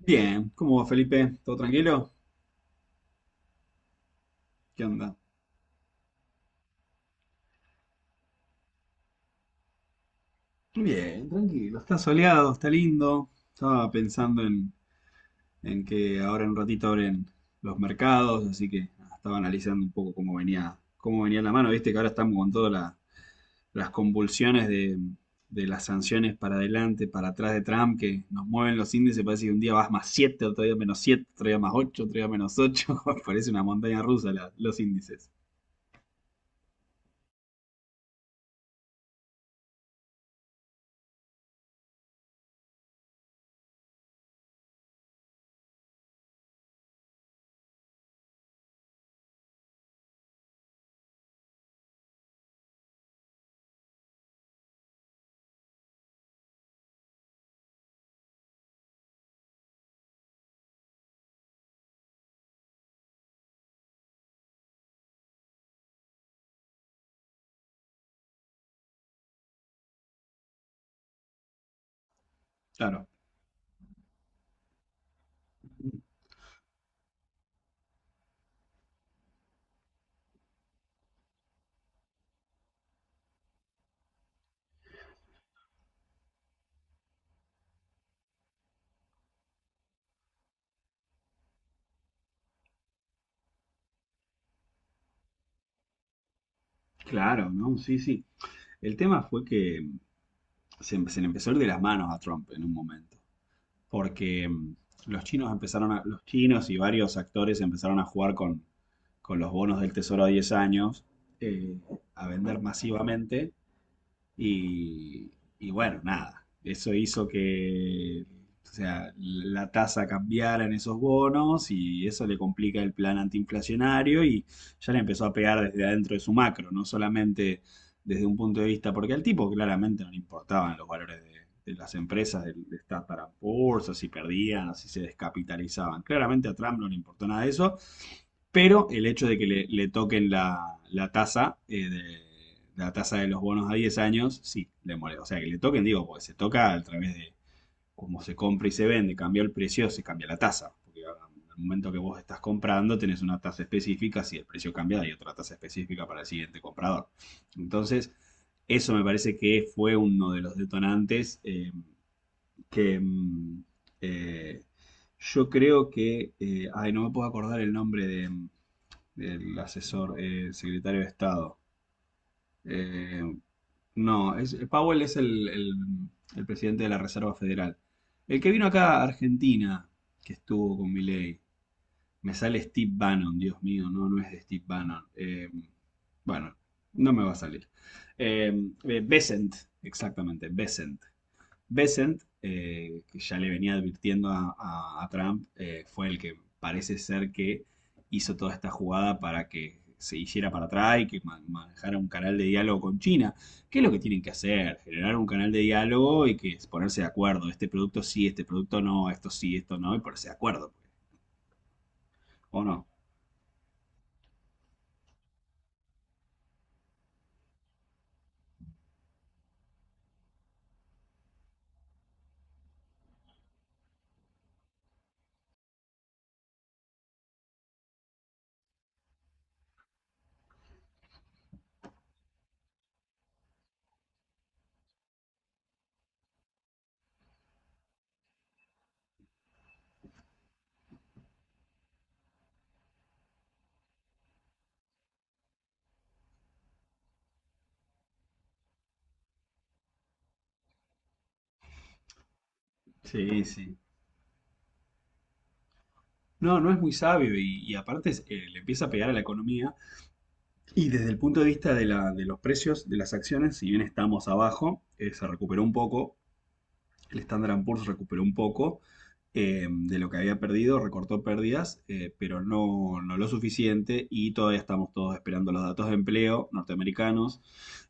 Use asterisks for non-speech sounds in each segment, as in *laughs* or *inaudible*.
Bien, ¿cómo va Felipe? ¿Todo tranquilo? ¿Qué onda? Bien, tranquilo. Está soleado, está lindo. En que ahora en un ratito abren los mercados, así que nada, estaba analizando un poco cómo venía la mano. ¿Viste que ahora estamos con todas las convulsiones de las sanciones para adelante, para atrás de Trump, que nos mueven los índices? Parece que un día vas más 7, otro día menos 7, otro día más 8, otro día menos ocho. *laughs* Parece una montaña rusa los índices. Claro. Claro, ¿no? Sí, sí. El tema fue que se le empezó a ir de las manos a Trump en un momento, porque los chinos y varios actores empezaron a jugar con los bonos del Tesoro a 10 años, eh, a vender masivamente y, y bueno, nada, eso hizo que, o sea, la tasa cambiara en esos bonos y eso le complica el plan antiinflacionario y ya le empezó a pegar desde adentro de su macro, no solamente desde un punto de vista, porque al tipo claramente no le importaban de las empresas, de estar para bolsa, si perdían, si se descapitalizaban. Claramente a Trump no le importó nada de eso, pero el hecho de que le toquen la tasa de la tasa de los bonos a 10 años, sí, le molesta. O sea, que le toquen, digo, porque se toca a través de cómo se compra y se vende, cambia el precio, se cambia la tasa. Porque al momento que vos estás comprando, tenés una tasa específica, si el precio cambia, hay otra tasa específica para el siguiente comprador. Entonces, eso me parece que fue uno de los detonantes, que mm, eh, yo creo que, ay, no me puedo acordar el nombre de el asesor, secretario de Estado. Eh, no, es, Powell es el presidente de la Reserva Federal. El que vino acá a Argentina, que estuvo con Milei, me sale Steve Bannon, Dios mío, no, no es de Steve Bannon. Bueno, no me va a salir. Eh, Besant, exactamente, Besant. Bessent, que ya le venía advirtiendo a Trump. Fue el que parece ser que hizo toda esta jugada para que se hiciera para atrás y que manejara un canal de diálogo con China. ¿Qué es lo que tienen que hacer? Generar un canal de diálogo y que es ponerse de acuerdo. Este producto sí, este producto no, esto sí, esto no, y ponerse de acuerdo. ¿O no? Sí, sí. No, no es muy sabio y aparte, le empieza a pegar a la economía. Y desde el punto de vista de, de los precios de las acciones, si bien estamos abajo, se recuperó un poco, el Standard and Poor's recuperó un poco de lo que había perdido, recortó pérdidas, pero no, no lo suficiente, y todavía estamos todos esperando los datos de empleo norteamericanos,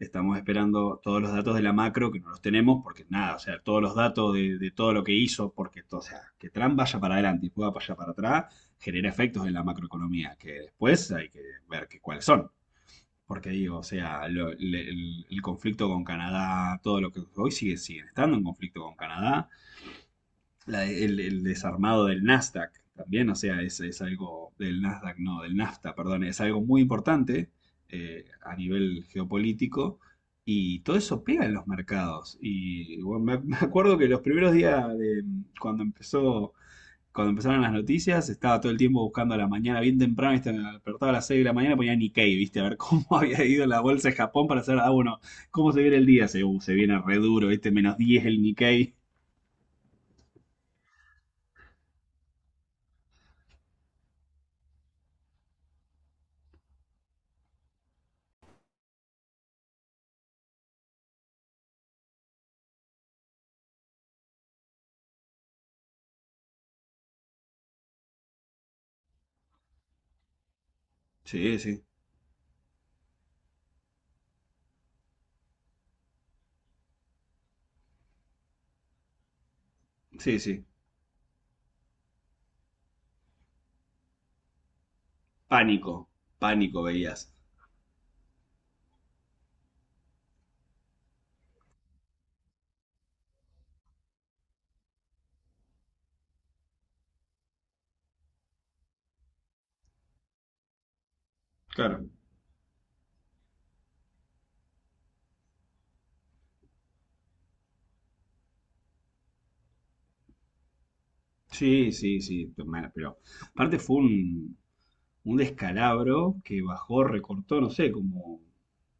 estamos esperando todos los datos de la macro, que no los tenemos porque nada, o sea, todos los datos de todo lo que hizo, porque o sea, que Trump vaya para adelante y pueda vaya para atrás, genera efectos en la macroeconomía, que después hay que ver cuáles son. Porque digo, o sea, el conflicto con Canadá, todo lo que hoy sigue, siguen estando en conflicto con Canadá. El desarmado del Nasdaq también, o sea, es algo del Nasdaq, no, del NAFTA, perdón, es algo muy importante a nivel geopolítico, y todo eso pega en los mercados. Y bueno, me acuerdo que los primeros días de cuando empezó, cuando empezaron las noticias, estaba todo el tiempo buscando a la mañana, bien temprano, ¿viste? Me despertaba a las 6 de la mañana, ponía Nikkei, ¿viste? A ver cómo *laughs* había ido la bolsa de Japón para hacer, ah, bueno, cómo se viene el día. Se, se viene re duro, ¿viste? Menos diez el Nikkei. Sí, sí, sí, sí. Pánico, pánico veías. Claro. Sí, sí, sí. Bueno, pero aparte fue un descalabro que bajó, recortó, no sé, como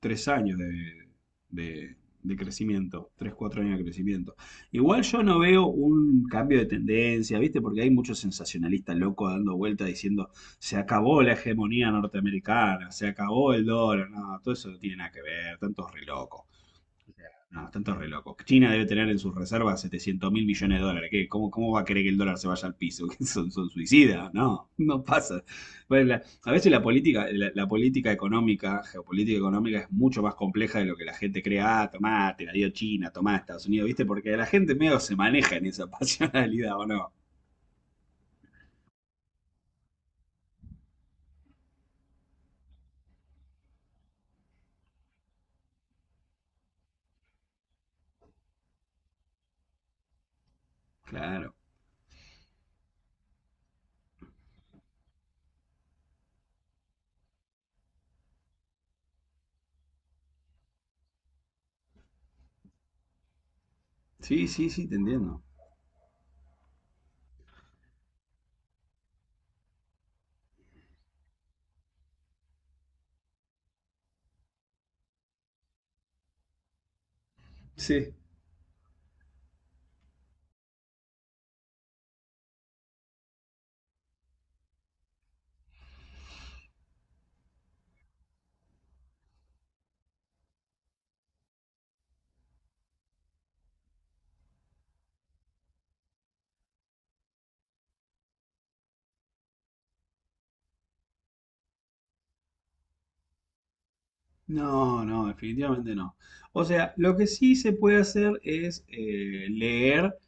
tres años de- de crecimiento, tres, cuatro años de crecimiento. Igual yo no veo un cambio de tendencia, ¿viste? Porque hay muchos sensacionalistas locos dando vueltas diciendo, se acabó la hegemonía norteamericana, se acabó el dólar, no, todo eso no tiene nada que ver, tantos re locos. No, tanto re loco. China debe tener en sus reservas 700 mil millones de dólares. ¿Qué? ¿Cómo, cómo va a querer que el dólar se vaya al piso? *laughs* ¿Que son, son suicidas? No, no pasa. Bueno, a veces la política, la política económica, geopolítica económica es mucho más compleja de lo que la gente cree. Ah, tomá, te la dio China, tomá Estados Unidos, ¿viste? Porque la gente medio se maneja en esa *laughs* pasionalidad, ¿o no? Claro. Sí, sí, sí, te entiendo. Sí. No, no, definitivamente no. O sea, lo que sí se puede hacer es, leer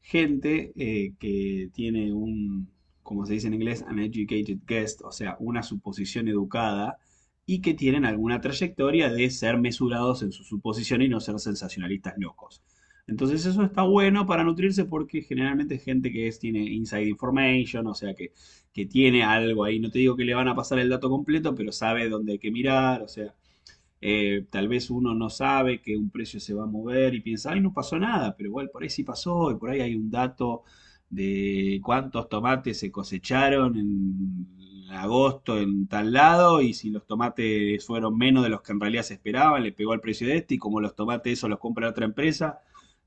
gente, que tiene un, como se dice en inglés, an educated guest, o sea, una suposición educada, y que tienen alguna trayectoria de ser mesurados en su suposición y no ser sensacionalistas locos. Entonces eso está bueno para nutrirse, porque generalmente es gente que tiene inside information, o sea que tiene algo ahí. No te digo que le van a pasar el dato completo, pero sabe dónde hay que mirar, o sea, tal vez uno no sabe que un precio se va a mover y piensa, ay, no pasó nada, pero igual por ahí sí pasó, y por ahí hay un dato de cuántos tomates se cosecharon en agosto en tal lado, y si los tomates fueron menos de los que en realidad se esperaban, le pegó al precio de este, y como los tomates eso los compra otra empresa.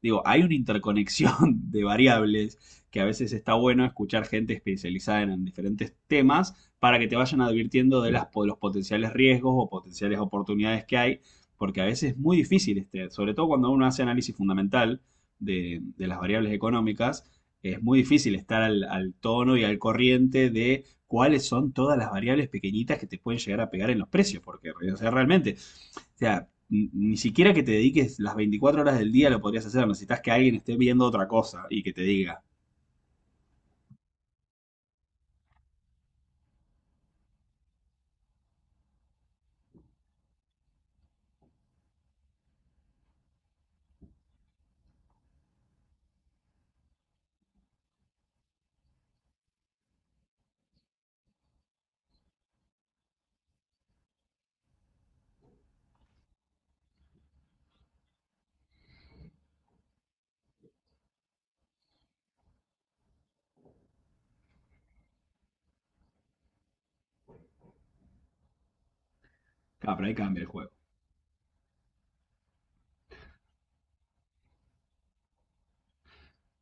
Digo, hay una interconexión *laughs* de variables que a veces está bueno escuchar gente especializada en diferentes temas para que te vayan advirtiendo de de los potenciales riesgos o potenciales oportunidades que hay, porque a veces es muy difícil, este, sobre todo cuando uno hace análisis fundamental de las variables económicas, es muy difícil estar al tono y al corriente de cuáles son todas las variables pequeñitas que te pueden llegar a pegar en los precios, porque o sea, realmente, o sea, ni siquiera que te dediques las 24 horas del día lo podrías hacer, necesitas que alguien esté viendo otra cosa y que te diga, ah, pero ahí cambia el juego.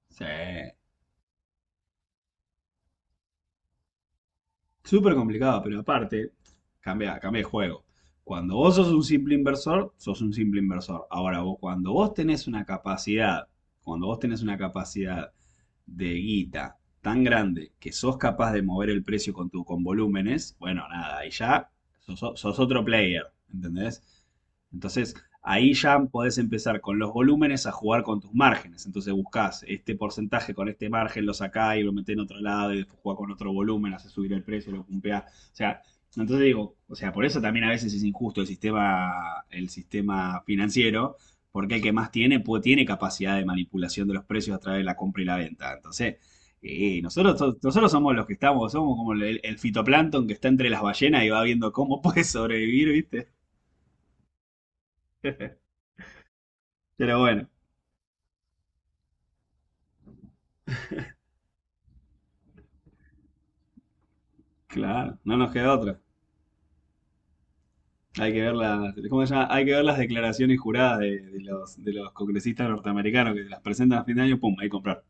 Sí, súper complicado, pero aparte, cambia, cambia el juego. Cuando vos sos un simple inversor, sos un simple inversor. Ahora, vos, cuando vos tenés una capacidad, cuando vos tenés una capacidad de guita tan grande que sos capaz de mover el precio con tu, con volúmenes, bueno, nada, ahí ya sos, sos otro player, ¿entendés? Entonces, ahí ya podés empezar con los volúmenes a jugar con tus márgenes. Entonces buscás este porcentaje con este margen, lo sacás y lo metés en otro lado y después jugás con otro volumen, haces subir el precio, lo pumpeás. O sea, entonces digo, o sea, por eso también a veces es injusto el sistema financiero, porque el que más tiene, tiene capacidad de manipulación de los precios a través de la compra y la venta. Entonces, nosotros, nosotros somos los que estamos, somos como el fitoplancton que está entre las ballenas y va viendo cómo puede sobrevivir, ¿viste? Pero bueno. Claro, no nos queda otra. Hay que ver las, ¿cómo se llama? Hay que ver las declaraciones juradas de de los congresistas norteamericanos que las presentan a fin de año, pum, ahí comprar.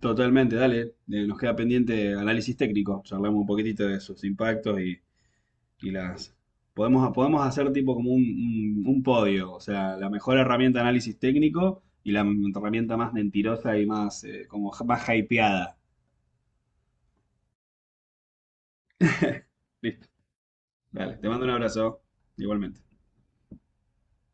Totalmente, dale. Nos queda pendiente análisis técnico. Charlamos un poquitito de sus impactos y las... Podemos, podemos hacer tipo como un, un podio, o sea, la mejor herramienta de análisis técnico y la herramienta más mentirosa y más, como más hypeada. *laughs* Listo, dale. Te mando un abrazo, igualmente.